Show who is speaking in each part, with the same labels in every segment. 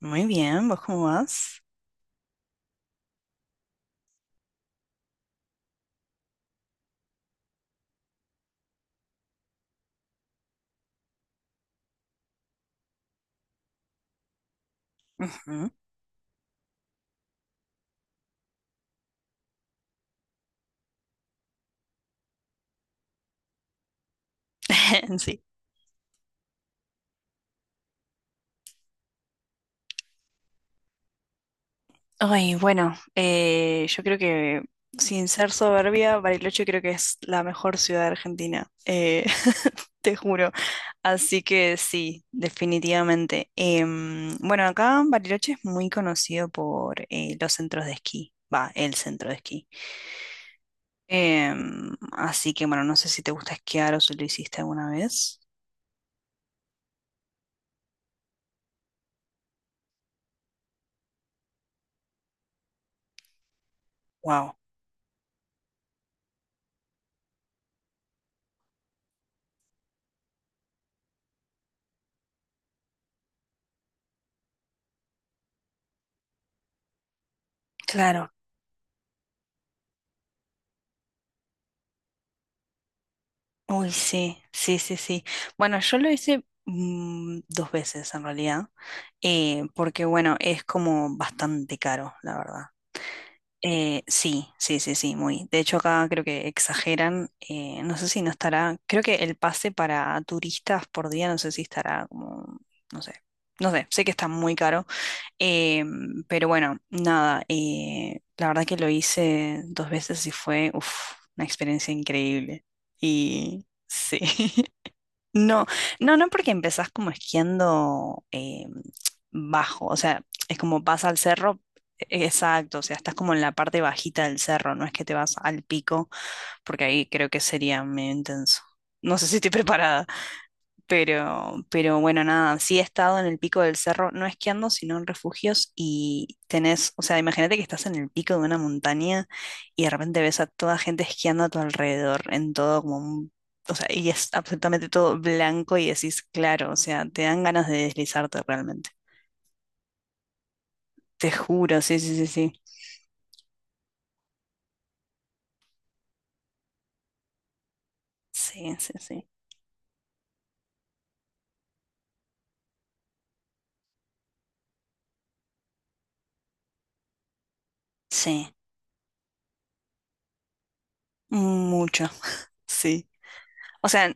Speaker 1: Muy bien, ¿vos cómo vas? Ujú. Sí. Ay, bueno, yo creo que sin ser soberbia, Bariloche creo que es la mejor ciudad de Argentina, te juro. Así que sí, definitivamente. Bueno, acá Bariloche es muy conocido por los centros de esquí, va, el centro de esquí. Así que bueno, no sé si te gusta esquiar o si lo hiciste alguna vez. Wow. Claro. Uy, sí, sí, sí, sí. Bueno, yo lo hice dos veces en realidad, porque bueno, es como bastante caro, la verdad. Sí, sí, sí, sí, muy. De hecho, acá creo que exageran, no sé si no estará, creo que el pase para turistas por día, no sé si estará como, no sé, no sé, sé que está muy caro. Eh, pero bueno, nada, la verdad que lo hice dos veces y fue uf, una experiencia increíble. Y sí. No, no, no, porque empezás como esquiando bajo, o sea, es como vas al cerro, exacto, o sea, estás como en la parte bajita del cerro, no es que te vas al pico, porque ahí creo que sería medio intenso. No sé si estoy preparada. Pero bueno, nada, sí he estado en el pico del cerro, no esquiando, sino en refugios y tenés, o sea, imagínate que estás en el pico de una montaña y de repente ves a toda gente esquiando a tu alrededor, en todo como un, o sea, y es absolutamente todo blanco y decís, claro, o sea, te dan ganas de deslizarte realmente. Te juro, sí, sí, sí, sí. Sí, sí, sí. Sí, mucho, sí. O sea,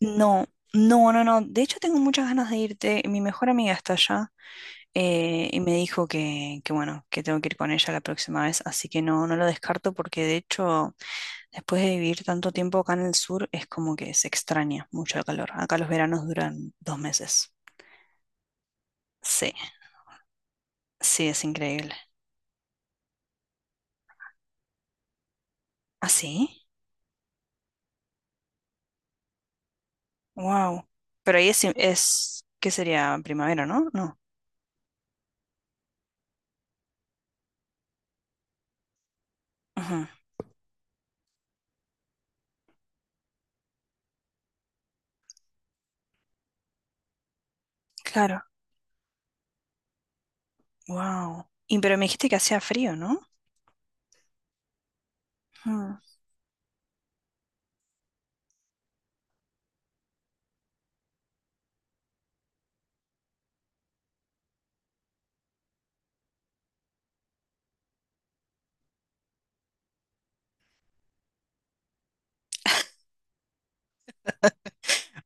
Speaker 1: no, no, no, no. De hecho, tengo muchas ganas de irte. Mi mejor amiga está allá. Y me dijo que bueno, que tengo que ir con ella la próxima vez, así que no, no lo descarto porque de hecho, después de vivir tanto tiempo acá en el sur, es como que se extraña mucho el calor. Acá los veranos duran 2 meses. Sí, sí, es increíble. ¿Ah, sí? Wow. Pero ahí es, ¿qué sería? Primavera, ¿no? No. Ujú. Claro. Wow. Y pero me dijiste que hacía frío, ¿no? Ujú.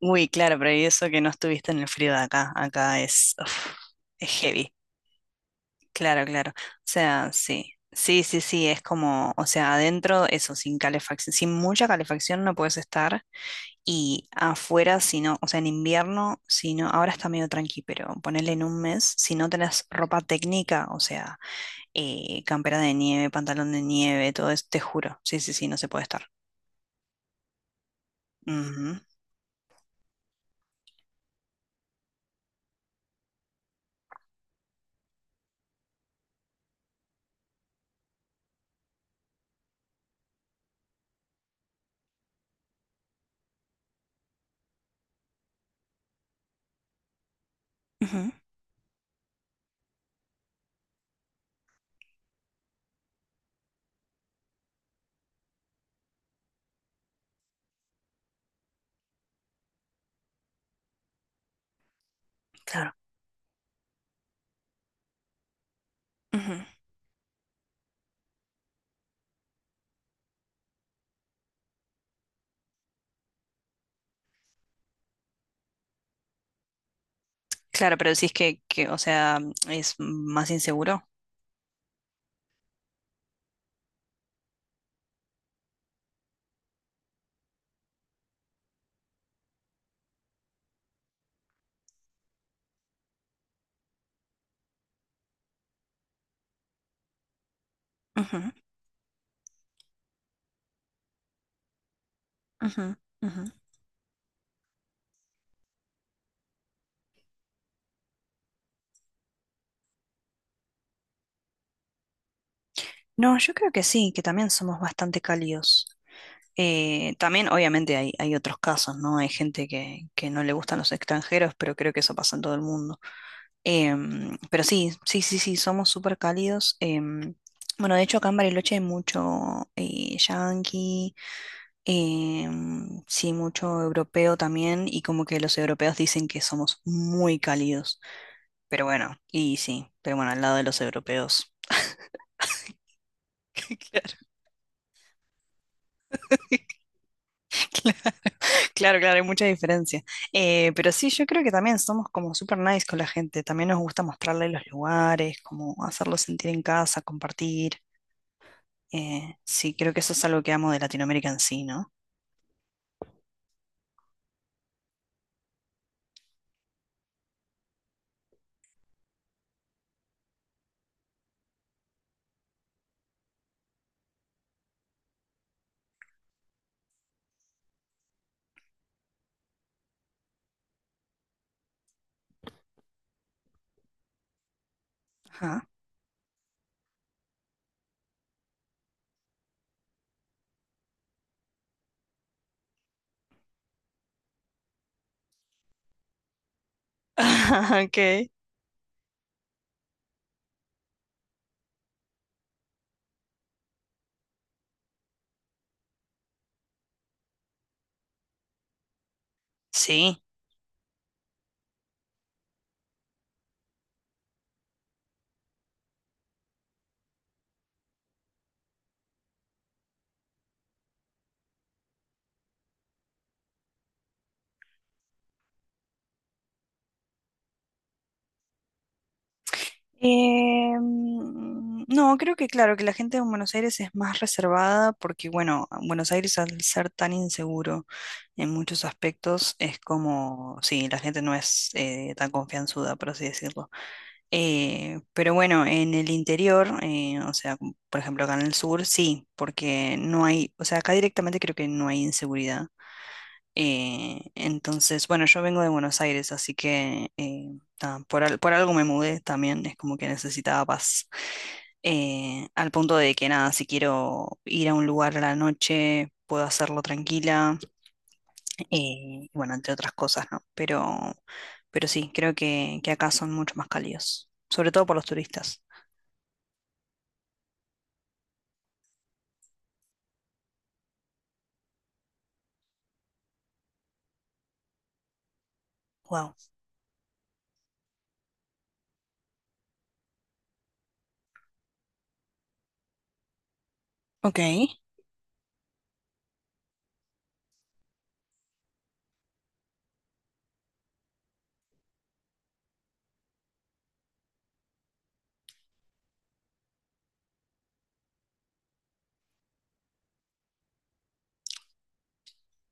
Speaker 1: Uy, claro, pero y eso que no estuviste en el frío de acá. Acá es, uf, es heavy. Claro, claro. O sea, sí. Sí, sí, sí, es como, o sea, adentro, eso, sin calefacción, sin mucha calefacción no puedes estar. Y afuera, si no, o sea, en invierno, si no, ahora está medio tranqui, pero ponele en un mes, si no tenés ropa técnica, o sea, campera de nieve, pantalón de nieve, todo eso, te juro. Sí, sí, sí, no se puede estar. Ujú, ujú, claro. Ujú. Claro, pero decís que, o sea, es más inseguro. Ujú, ujú, ujú. No, yo creo que sí, que también somos bastante cálidos. También, obviamente, hay otros casos, ¿no? Hay gente que no le gustan los extranjeros, pero creo que eso pasa en todo el mundo. Pero sí, sí, sí, sí, somos súper cálidos. Bueno, de hecho, acá en Bariloche hay mucho yanqui, sí, mucho europeo también, y como que los europeos dicen que somos muy cálidos. Pero bueno, y sí, pero bueno, al lado de los europeos. Claro. Claro, claro, hay mucha diferencia. Pero sí, yo creo que también somos como super nice con la gente. También nos gusta mostrarle los lugares, como hacerlos sentir en casa, compartir. Sí, creo que eso es algo que amo de Latinoamérica en sí, ¿no? Ajá. Ok. Sí, no, creo que claro, que la gente en Buenos Aires es más reservada porque, bueno, Buenos Aires al ser tan inseguro en muchos aspectos es como, sí, la gente no es tan confianzuda, por así decirlo. Pero bueno, en el interior, o sea, como por ejemplo acá en el sur, sí, porque no hay, o sea, acá directamente creo que no hay inseguridad. Entonces, bueno, yo vengo de Buenos Aires, así que nada, por algo me mudé también, es como que necesitaba paz. Al punto de que nada, si quiero ir a un lugar a la noche, puedo hacerlo tranquila, y bueno, entre otras cosas, ¿no? Pero sí, creo que acá son mucho más cálidos, sobre todo por los turistas. Wow. Ok,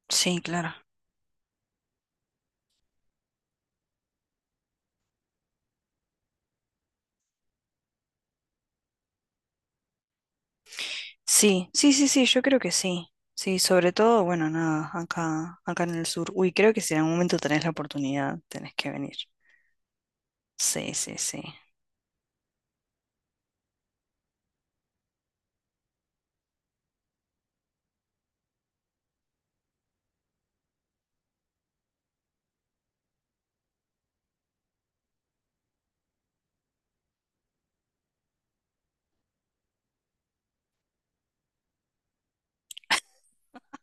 Speaker 1: sí, claro. Sí, sí, sí, sí, yo creo que sí. Sí, sobre todo, bueno, nada, acá en el sur. Uy, creo que si en algún momento tenés la oportunidad, tenés que venir. Sí, sí, sí.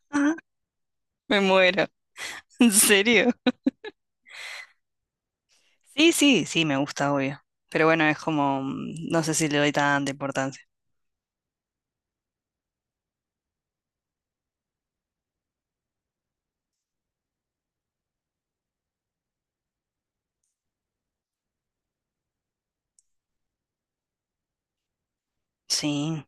Speaker 1: Ajá, me muero. ¿En serio? Sí, sí, sí, me gusta, obvio. Pero bueno, es como, no sé si le doy tanta importancia. Sí,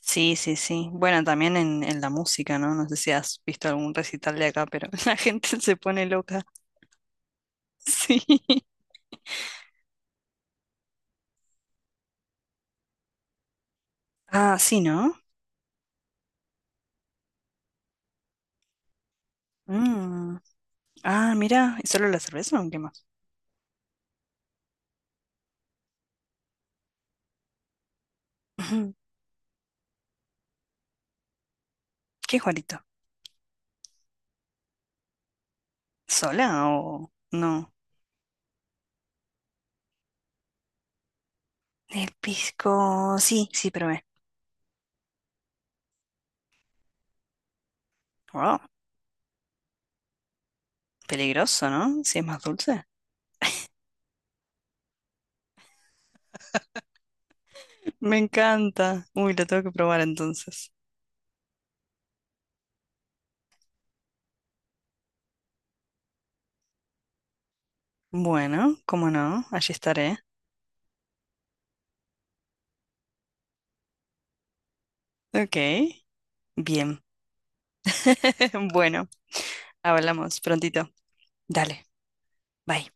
Speaker 1: sí, sí, sí. Bueno, también en la música, ¿no? No sé si has visto algún recital de acá, pero la gente se pone loca. Sí. Ah, sí, ¿no? Mm. Ah, mira, ¿y solo la cerveza o qué más? Ujú. ¿Qué Juanito? ¿Sola o no? El pisco, sí, sí, probé. Wow, peligroso, ¿no? Si es más dulce. Me encanta. Uy, lo tengo que probar entonces. Bueno, cómo no, allí estaré. Ok, bien. Bueno, hablamos prontito. Dale, bye.